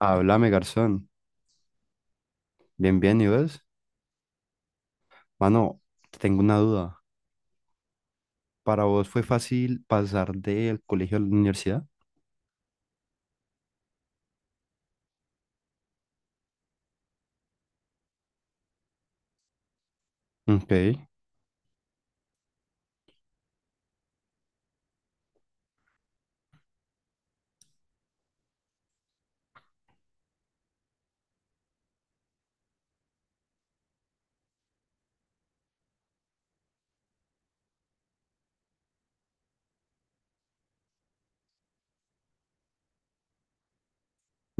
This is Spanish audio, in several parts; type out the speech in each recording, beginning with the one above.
Háblame, garzón. Bien, bien, ¿y vos? Mano, tengo una duda. ¿Para vos fue fácil pasar del colegio a la universidad? Ok.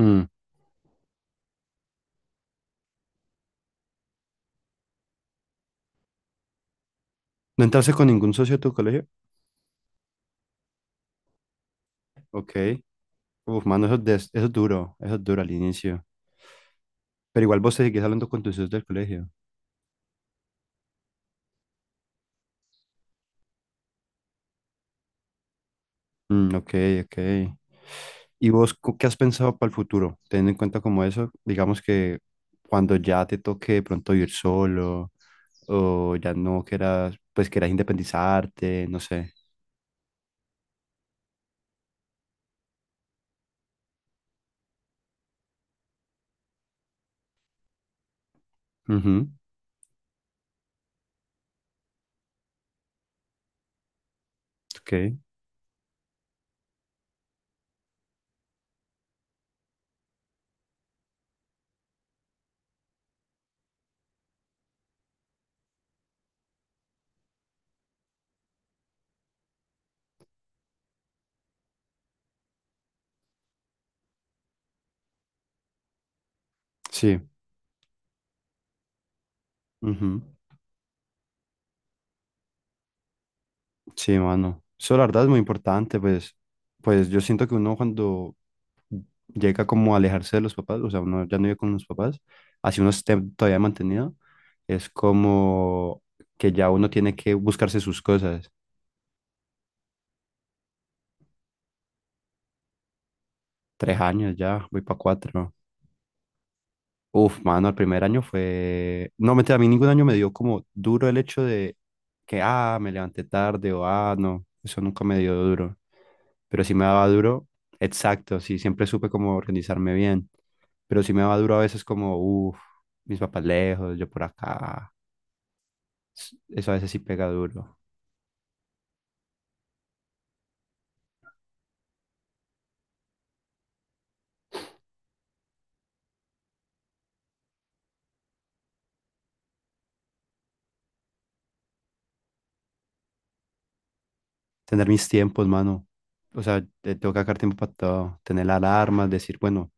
Mm. ¿No entraste con ningún socio de tu colegio? Ok. Uf, mano, eso, eso es duro. Eso es duro al inicio. ¿Pero igual vos te seguís hablando con tus socios del colegio? Mm, ok, ok. ¿Y vos qué has pensado para el futuro? Teniendo en cuenta como eso, digamos que cuando ya te toque de pronto ir solo o ya no quieras, pues quieras independizarte, no sé. Ujú, ok, sí, ujú. Sí, mano. Eso la verdad es muy importante, pues yo siento que uno cuando llega como a alejarse de los papás, o sea, uno ya no vive con los papás, así uno esté todavía mantenido, es como que ya uno tiene que buscarse sus cosas. 3 años ya, voy para 4. Uf, mano, el primer año fue... no, mentira, a mí ningún año me dio como duro el hecho de que, ah, me levanté tarde o, ah, no, eso nunca me dio duro. Pero sí me daba duro, exacto, sí, siempre supe cómo organizarme bien. Pero sí me daba duro a veces como, uff, mis papás lejos, yo por acá. Eso a veces sí pega duro. Tener mis tiempos, mano. O sea, tengo que sacar tiempo para todo. Tener alarmas, decir, bueno,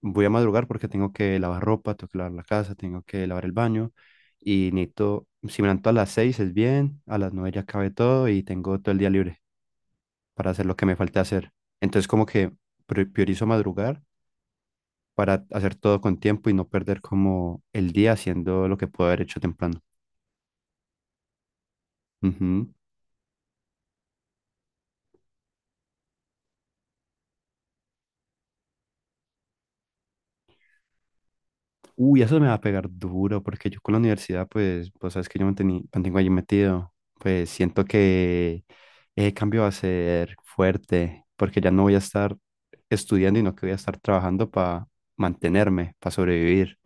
voy a madrugar porque tengo que lavar ropa, tengo que lavar la casa, tengo que lavar el baño y necesito, si me levanto a las 6 es bien, a las 9 ya acabé todo y tengo todo el día libre para hacer lo que me falte hacer. Entonces como que priorizo madrugar para hacer todo con tiempo y no perder como el día haciendo lo que puedo haber hecho temprano. Ujú. Uy, eso me va a pegar duro, porque yo con la universidad, pues, sabes que yo me mantengo allí metido. Pues siento que ese cambio va a ser fuerte, porque ya no voy a estar estudiando, y no que voy a estar trabajando para mantenerme, para sobrevivir.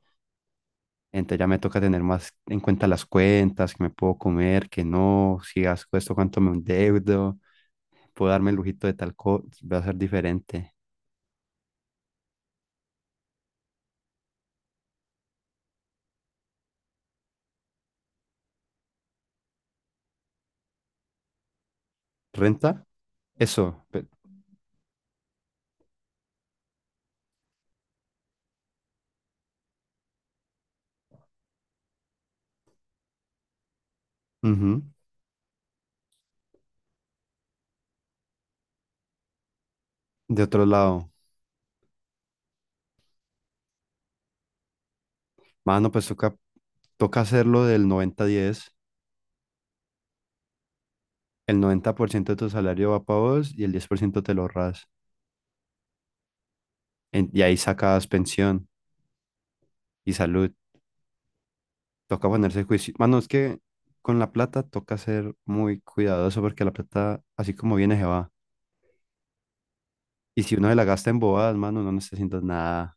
Entonces ya me toca tener más en cuenta las cuentas, que me puedo comer, que no, si gasto esto, cuánto me endeudo, puedo darme el lujito de tal cosa, va a ser diferente. ¿Renta? Eso. Ujú. De otro lado. Mano, pues toca hacerlo del noventa diez. El 90% de tu salario va para vos y el 10% te lo ahorras. Y ahí sacas pensión y salud. Toca ponerse juicio. Mano, es que con la plata toca ser muy cuidadoso porque la plata, así como viene, se va. Y si uno se la gasta en bobadas, mano, no necesitas nada.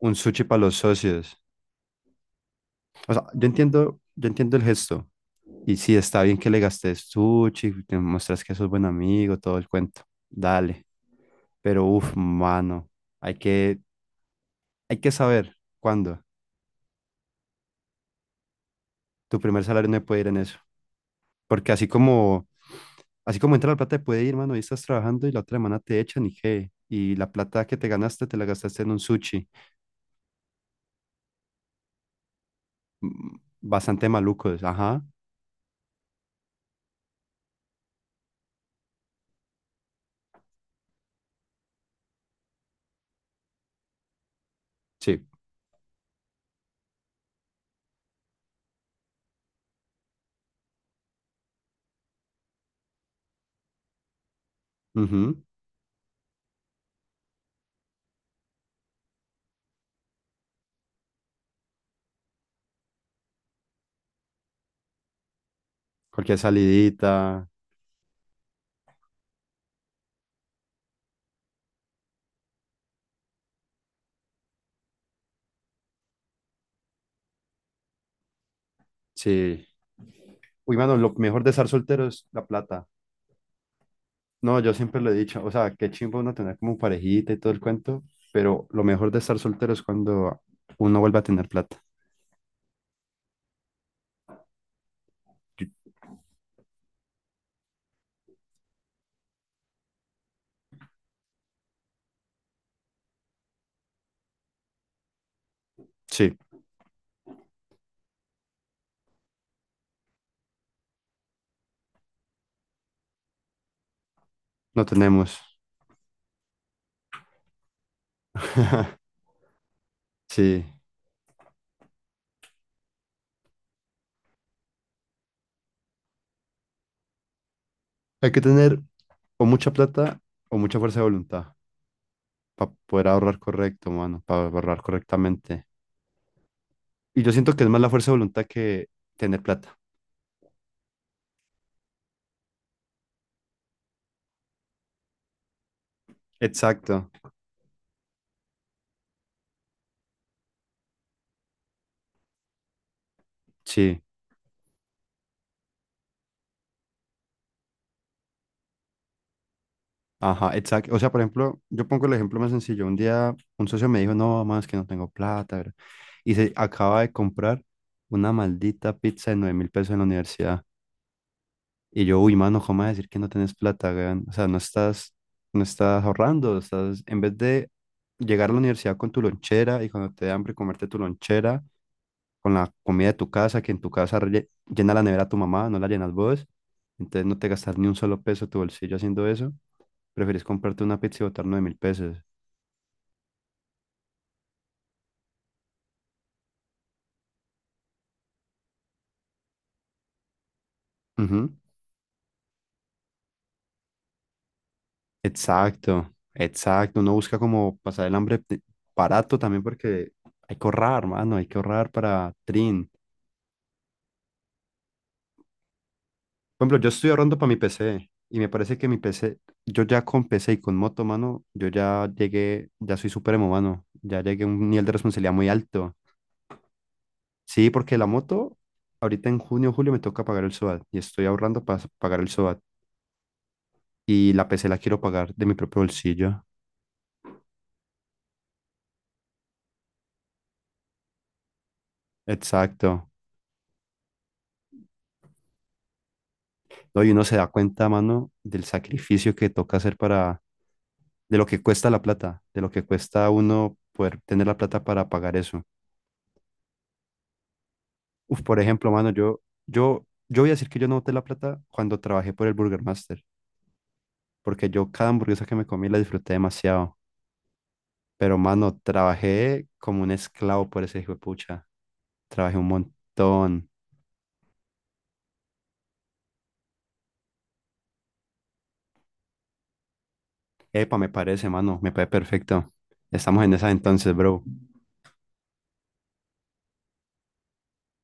Un sushi para los socios. O sea, yo entiendo el gesto. Y sí, está bien que le gastes sushi, te muestras que sos buen amigo, todo el cuento. Dale. Pero uff, mano, hay que, hay que, saber cuándo. Tu primer salario no puede ir en eso. Porque así como entra la plata, te puede ir, mano, y estás trabajando y la otra semana te echan y qué. Y la plata que te ganaste, te la gastaste en un sushi. Mm. Bastante malucos, ajá. Sí. Ujú. Cualquier salidita. Sí. Uy, mano, lo mejor de estar soltero es la plata. No, yo siempre lo he dicho, o sea, qué chimbo uno tener como parejita y todo el cuento, pero lo mejor de estar soltero es cuando uno vuelve a tener plata. Yo- Sí, no tenemos. Sí, hay que tener o mucha plata o mucha fuerza de voluntad para poder ahorrar correcto, mano, para ahorrar correctamente. Y yo siento que es más la fuerza de voluntad que tener plata. Exacto. Sí. Ajá, exacto. O sea, por ejemplo, yo pongo el ejemplo más sencillo. Un día un socio me dijo, no, más que no tengo plata, bro. Y se acaba de comprar una maldita pizza de 9.000 pesos en la universidad. Y yo, uy, mano, ¿cómo vas a decir que no tienes plata, weón? O sea, no estás ahorrando, estás, en vez de llegar a la universidad con tu lonchera y cuando te dé hambre comerte tu lonchera con la comida de tu casa, que en tu casa llena la nevera tu mamá, no la llenas vos. Entonces no te gastas ni un solo peso de tu bolsillo haciendo eso. Preferís comprarte una pizza y botar 9.000 pesos. Ujú. Exacto, exacto. Uno busca como pasar el hambre barato también porque hay que ahorrar, mano, hay que ahorrar para Trin. Por ejemplo, yo estoy ahorrando para mi PC y me parece que mi PC, yo ya con PC y con moto, mano, yo ya llegué, ya soy supremo, mano. Ya llegué a un nivel de responsabilidad muy alto. Sí, porque la moto, ahorita en junio o julio me toca pagar el SOAT y estoy ahorrando para pagar el SOAT. Y la PC la quiero pagar de mi propio bolsillo. Exacto. No, y uno se da cuenta, mano, del sacrificio que toca hacer para, de lo que cuesta la plata, de lo que cuesta a uno poder tener la plata para pagar eso. Uf, por ejemplo, mano, yo voy a decir que yo no boté la plata cuando trabajé por el Burger Master, porque yo cada hamburguesa que me comí la disfruté demasiado. Pero, mano, trabajé como un esclavo por ese hijo de pucha. Trabajé un montón. Epa, me parece, mano, me parece perfecto. Estamos en esas entonces, bro.